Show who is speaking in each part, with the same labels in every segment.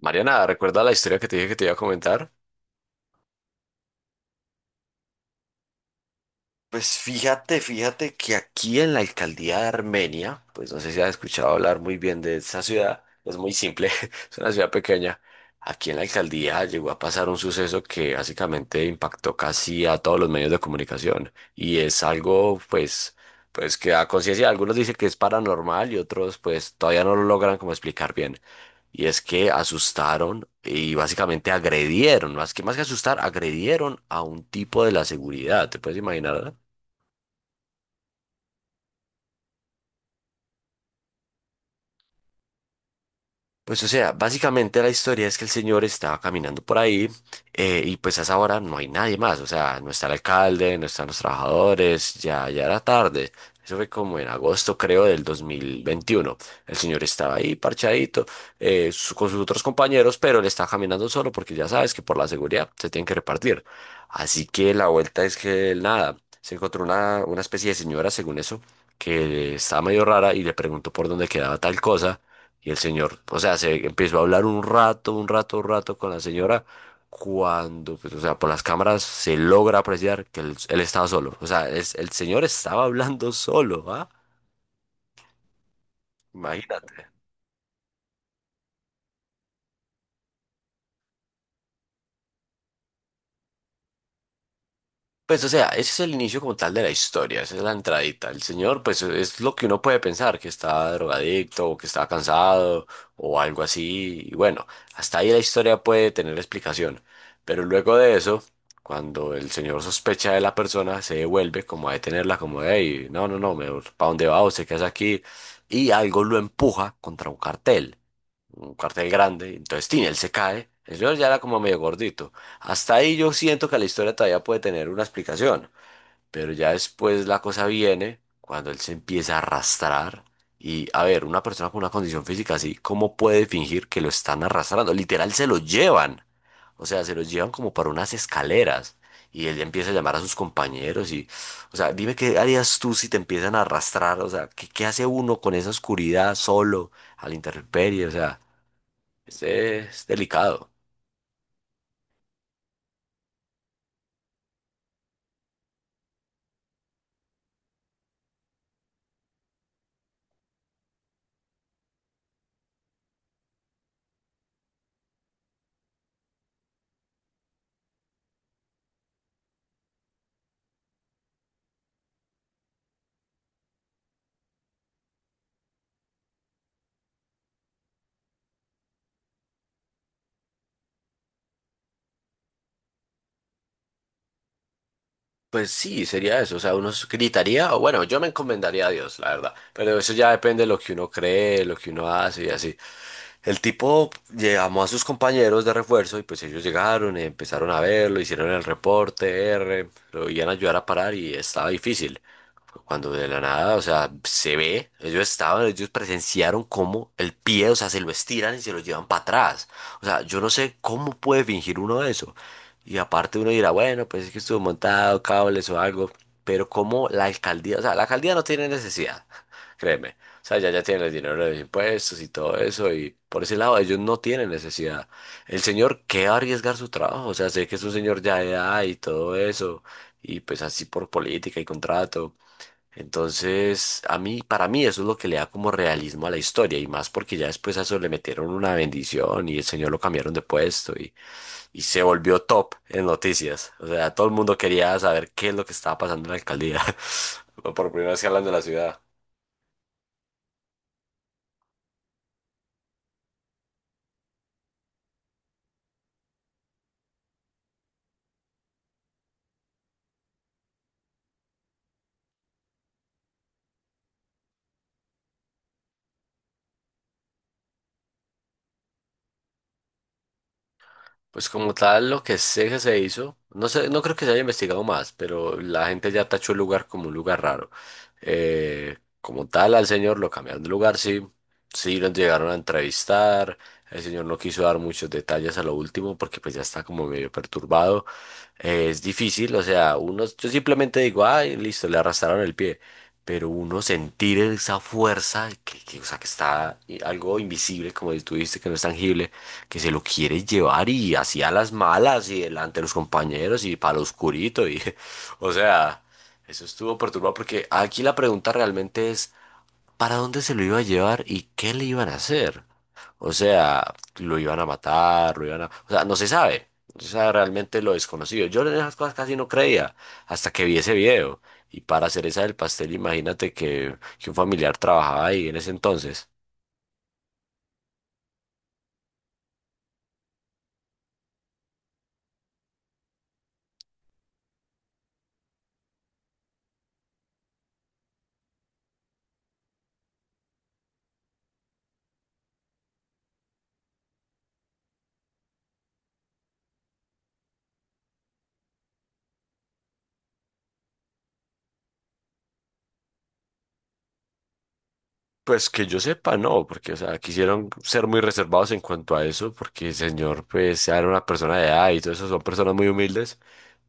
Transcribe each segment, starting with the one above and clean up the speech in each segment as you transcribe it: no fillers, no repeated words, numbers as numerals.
Speaker 1: Mariana, ¿recuerda la historia que te dije que te iba a comentar? Pues fíjate, fíjate que aquí en la alcaldía de Armenia, pues no sé si has escuchado hablar muy bien de esa ciudad, es muy simple, es una ciudad pequeña. Aquí en la alcaldía llegó a pasar un suceso que básicamente impactó casi a todos los medios de comunicación y es algo pues, pues que a conciencia algunos dicen que es paranormal y otros pues todavía no lo logran como explicar bien. Y es que asustaron y básicamente agredieron, más que asustar, agredieron a un tipo de la seguridad, ¿te puedes imaginar? Pues o sea, básicamente la historia es que el señor estaba caminando por ahí y pues a esa hora no hay nadie más, o sea, no está el alcalde, no están los trabajadores, ya, ya era tarde. Eso fue como en agosto, creo, del 2021. El señor estaba ahí parchadito con sus otros compañeros, pero él estaba caminando solo porque ya sabes que por la seguridad se tienen que repartir. Así que la vuelta es que nada, se encontró una especie de señora, según eso, que estaba medio rara y le preguntó por dónde quedaba tal cosa. Y el señor, o sea, se empezó a hablar un rato, un rato, un rato con la señora. Cuando, pues, o sea, por las cámaras se logra apreciar que él estaba solo. O sea, el señor estaba hablando solo, ¿ah? Imagínate. Pues, o sea, ese es el inicio como tal de la historia, esa es la entradita. El señor, pues, es lo que uno puede pensar, que está drogadicto o que está cansado o algo así. Y bueno, hasta ahí la historia puede tener explicación. Pero luego de eso, cuando el señor sospecha de la persona, se devuelve como a detenerla, como, hey, no, no, no, ¿para dónde va? ¿Usted qué hace aquí? Y algo lo empuja contra un cartel grande. Entonces, tin, él se cae. El señor ya era como medio gordito. Hasta ahí yo siento que la historia todavía puede tener una explicación, pero ya después la cosa viene cuando él se empieza a arrastrar y a ver, una persona con una condición física así, ¿cómo puede fingir que lo están arrastrando? Literal se lo llevan, o sea, se lo llevan como para unas escaleras y él ya empieza a llamar a sus compañeros y, o sea, dime qué harías tú si te empiezan a arrastrar, o sea, ¿qué, qué hace uno con esa oscuridad solo, a la intemperie? O sea, es delicado. Pues sí, sería eso. O sea, uno gritaría, o bueno, yo me encomendaría a Dios, la verdad. Pero eso ya depende de lo que uno cree, lo que uno hace y así. El tipo llamó a sus compañeros de refuerzo y pues ellos llegaron, y empezaron a verlo, hicieron el reporte, R, lo iban a ayudar a parar y estaba difícil. Cuando de la nada, o sea, se ve, ellos estaban, ellos presenciaron cómo el pie, o sea, se lo estiran y se lo llevan para atrás. O sea, yo no sé cómo puede fingir uno eso. Y aparte uno dirá, bueno, pues es que estuvo montado, cables o algo. Pero como la alcaldía, o sea, la alcaldía no tiene necesidad, créeme. O sea, ya, ya tienen el dinero de los impuestos y todo eso. Y por ese lado, ellos no tienen necesidad. El señor, ¿qué va a arriesgar su trabajo? O sea, sé que es un señor ya de edad y todo eso. Y pues así por política y contrato. Entonces, a mí, para mí eso es lo que le da como realismo a la historia y más porque ya después a eso le metieron una bendición y el señor lo cambiaron de puesto y se volvió top en noticias. O sea, todo el mundo quería saber qué es lo que estaba pasando en la alcaldía. Por primera vez que hablan de la ciudad. Pues como tal, lo que sé que se hizo, no sé, no creo que se haya investigado más, pero la gente ya tachó el lugar como un lugar raro. Como tal, al señor lo cambiaron de lugar, sí, sí lo llegaron a entrevistar, el señor no quiso dar muchos detalles a lo último porque pues ya está como medio perturbado. Es difícil, o sea, uno, yo simplemente digo, ay, listo, le arrastraron el pie, pero uno sentir esa fuerza, o sea, que está algo invisible, como tú dijiste, que no es tangible que se lo quiere llevar y hacía las malas y delante de los compañeros y para lo oscurito y o sea, eso estuvo perturbado porque aquí la pregunta realmente es ¿para dónde se lo iba a llevar y qué le iban a hacer? O sea, lo iban a matar, lo iban a, o sea, no se sabe. O sea, realmente lo desconocido. Yo en esas cosas casi no creía hasta que vi ese video. Y para hacer esa del pastel, imagínate que un familiar trabajaba ahí en ese entonces. Pues que yo sepa, no, porque, o sea, quisieron ser muy reservados en cuanto a eso, porque el señor, pues, era una persona de edad y todo eso, son personas muy humildes,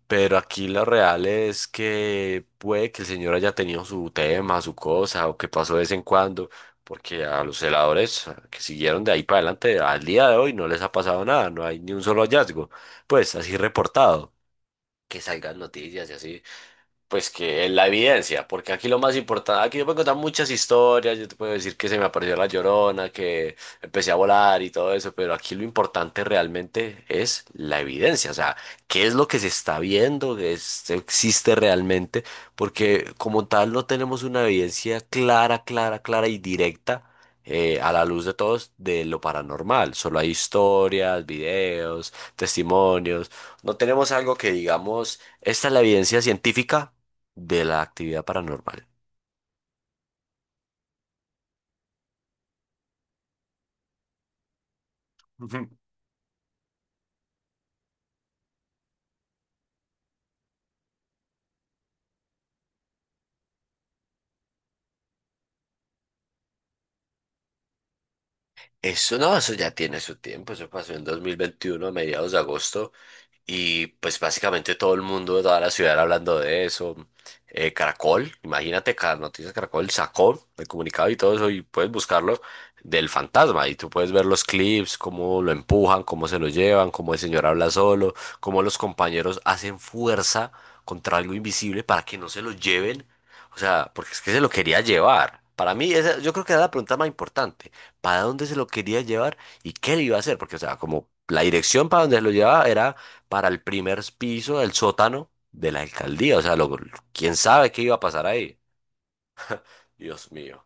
Speaker 1: pero aquí lo real es que puede que el señor haya tenido su tema, su cosa, o que pasó de vez en cuando, porque a los celadores que siguieron de ahí para adelante, al día de hoy no les ha pasado nada, no hay ni un solo hallazgo, pues, así reportado, que salgan noticias y así pues que es la evidencia, porque aquí lo más importante, aquí yo puedo contar muchas historias, yo te puedo decir que se me apareció la Llorona, que empecé a volar y todo eso, pero aquí lo importante realmente es la evidencia, o sea, qué es lo que se está viendo, existe realmente, porque como tal no tenemos una evidencia clara, clara, clara y directa. A la luz de todos de lo paranormal, solo hay historias, videos, testimonios, no tenemos algo que digamos, esta es la evidencia científica de la actividad paranormal. Ujú. Eso no, eso ya tiene su tiempo, eso pasó en 2021 a mediados de agosto. Y pues básicamente todo el mundo de toda la ciudad era hablando de eso. Caracol, imagínate, Ca- Noticias Caracol sacó el comunicado y todo eso y puedes buscarlo del fantasma y tú puedes ver los clips, cómo lo empujan, cómo se lo llevan, cómo el señor habla solo, cómo los compañeros hacen fuerza contra algo invisible para que no se lo lleven. O sea, porque es que se lo quería llevar. Para mí, esa, yo creo que era la pregunta más importante. ¿Para dónde se lo quería llevar y qué le iba a hacer? Porque, o sea, como la dirección para donde se lo llevaba era para el primer piso del sótano de la alcaldía. Quién sabe qué iba a pasar ahí. Dios mío.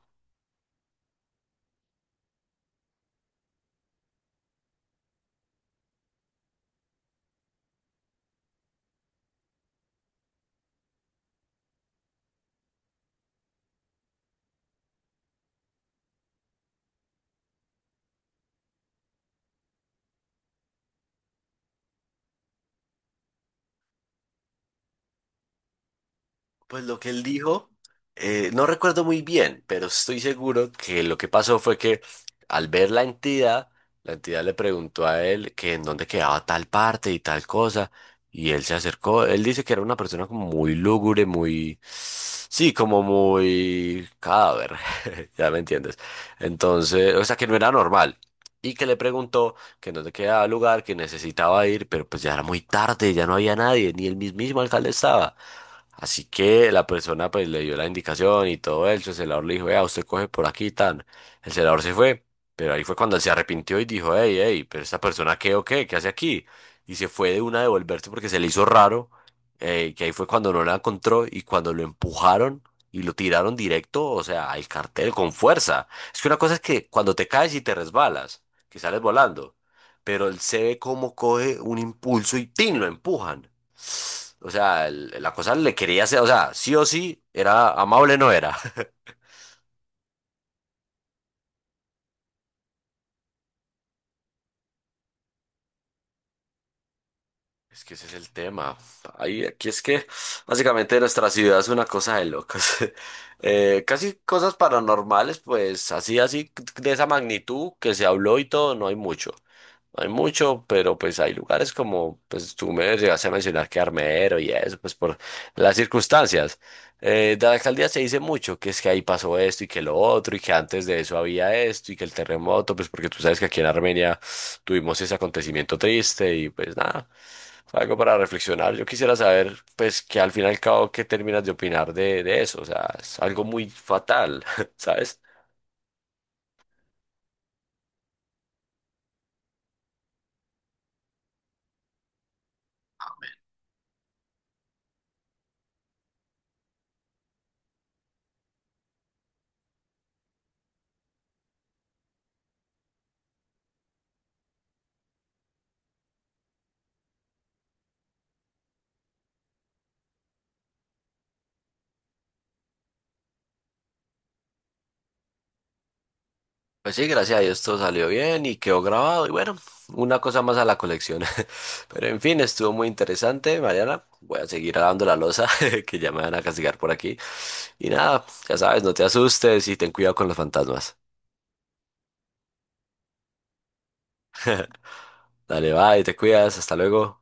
Speaker 1: Pues lo que él dijo, no recuerdo muy bien, pero estoy seguro que lo que pasó fue que al ver la entidad le preguntó a él que en dónde quedaba tal parte y tal cosa, y él se acercó. Él dice que era una persona como muy lúgubre, muy, sí, como muy cadáver, ya me entiendes. Entonces, o sea, que no era normal. Y que le preguntó que en dónde quedaba el lugar, que necesitaba ir, pero pues ya era muy tarde, ya no había nadie, ni el mismísimo alcalde estaba. Así que la persona pues le dio la indicación y todo eso, el celador le dijo, vea, usted coge por aquí y tan. El celador se fue, pero ahí fue cuando él se arrepintió y dijo, hey, hey, pero esta persona qué o qué, qué hace aquí. Y se fue de una a devolverse porque se le hizo raro, que ahí fue cuando no la encontró y cuando lo empujaron y lo tiraron directo, o sea, al cartel con fuerza. Es que una cosa es que cuando te caes y te resbalas, que sales volando, pero él se ve cómo coge un impulso y ¡tin! Lo empujan. O sea, la cosa le quería hacer, o sea, sí o sí, era amable, no era. Es que ese es el tema. Ahí, aquí es que básicamente nuestra ciudad es una cosa de locos. Casi cosas paranormales, pues así, así, de esa magnitud que se habló y todo, no hay mucho. No hay mucho, pero pues hay lugares como, pues tú me llegaste a mencionar que Armero y eso, pues por las circunstancias. De la alcaldía se dice mucho que es que ahí pasó esto y que lo otro y que antes de eso había esto y que el terremoto, pues porque tú sabes que aquí en Armenia tuvimos ese acontecimiento triste y pues nada, fue algo para reflexionar. Yo quisiera saber, pues, que al fin y al cabo, ¿qué terminas de opinar de eso? O sea, es algo muy fatal, ¿sabes? Pues sí, gracias a Dios todo salió bien y quedó grabado y bueno, una cosa más a la colección. Pero en fin, estuvo muy interesante, Mariana. Voy a seguir lavando la losa que ya me van a castigar por aquí. Y nada, ya sabes, no te asustes y ten cuidado con los fantasmas. Dale, bye, te cuidas, hasta luego.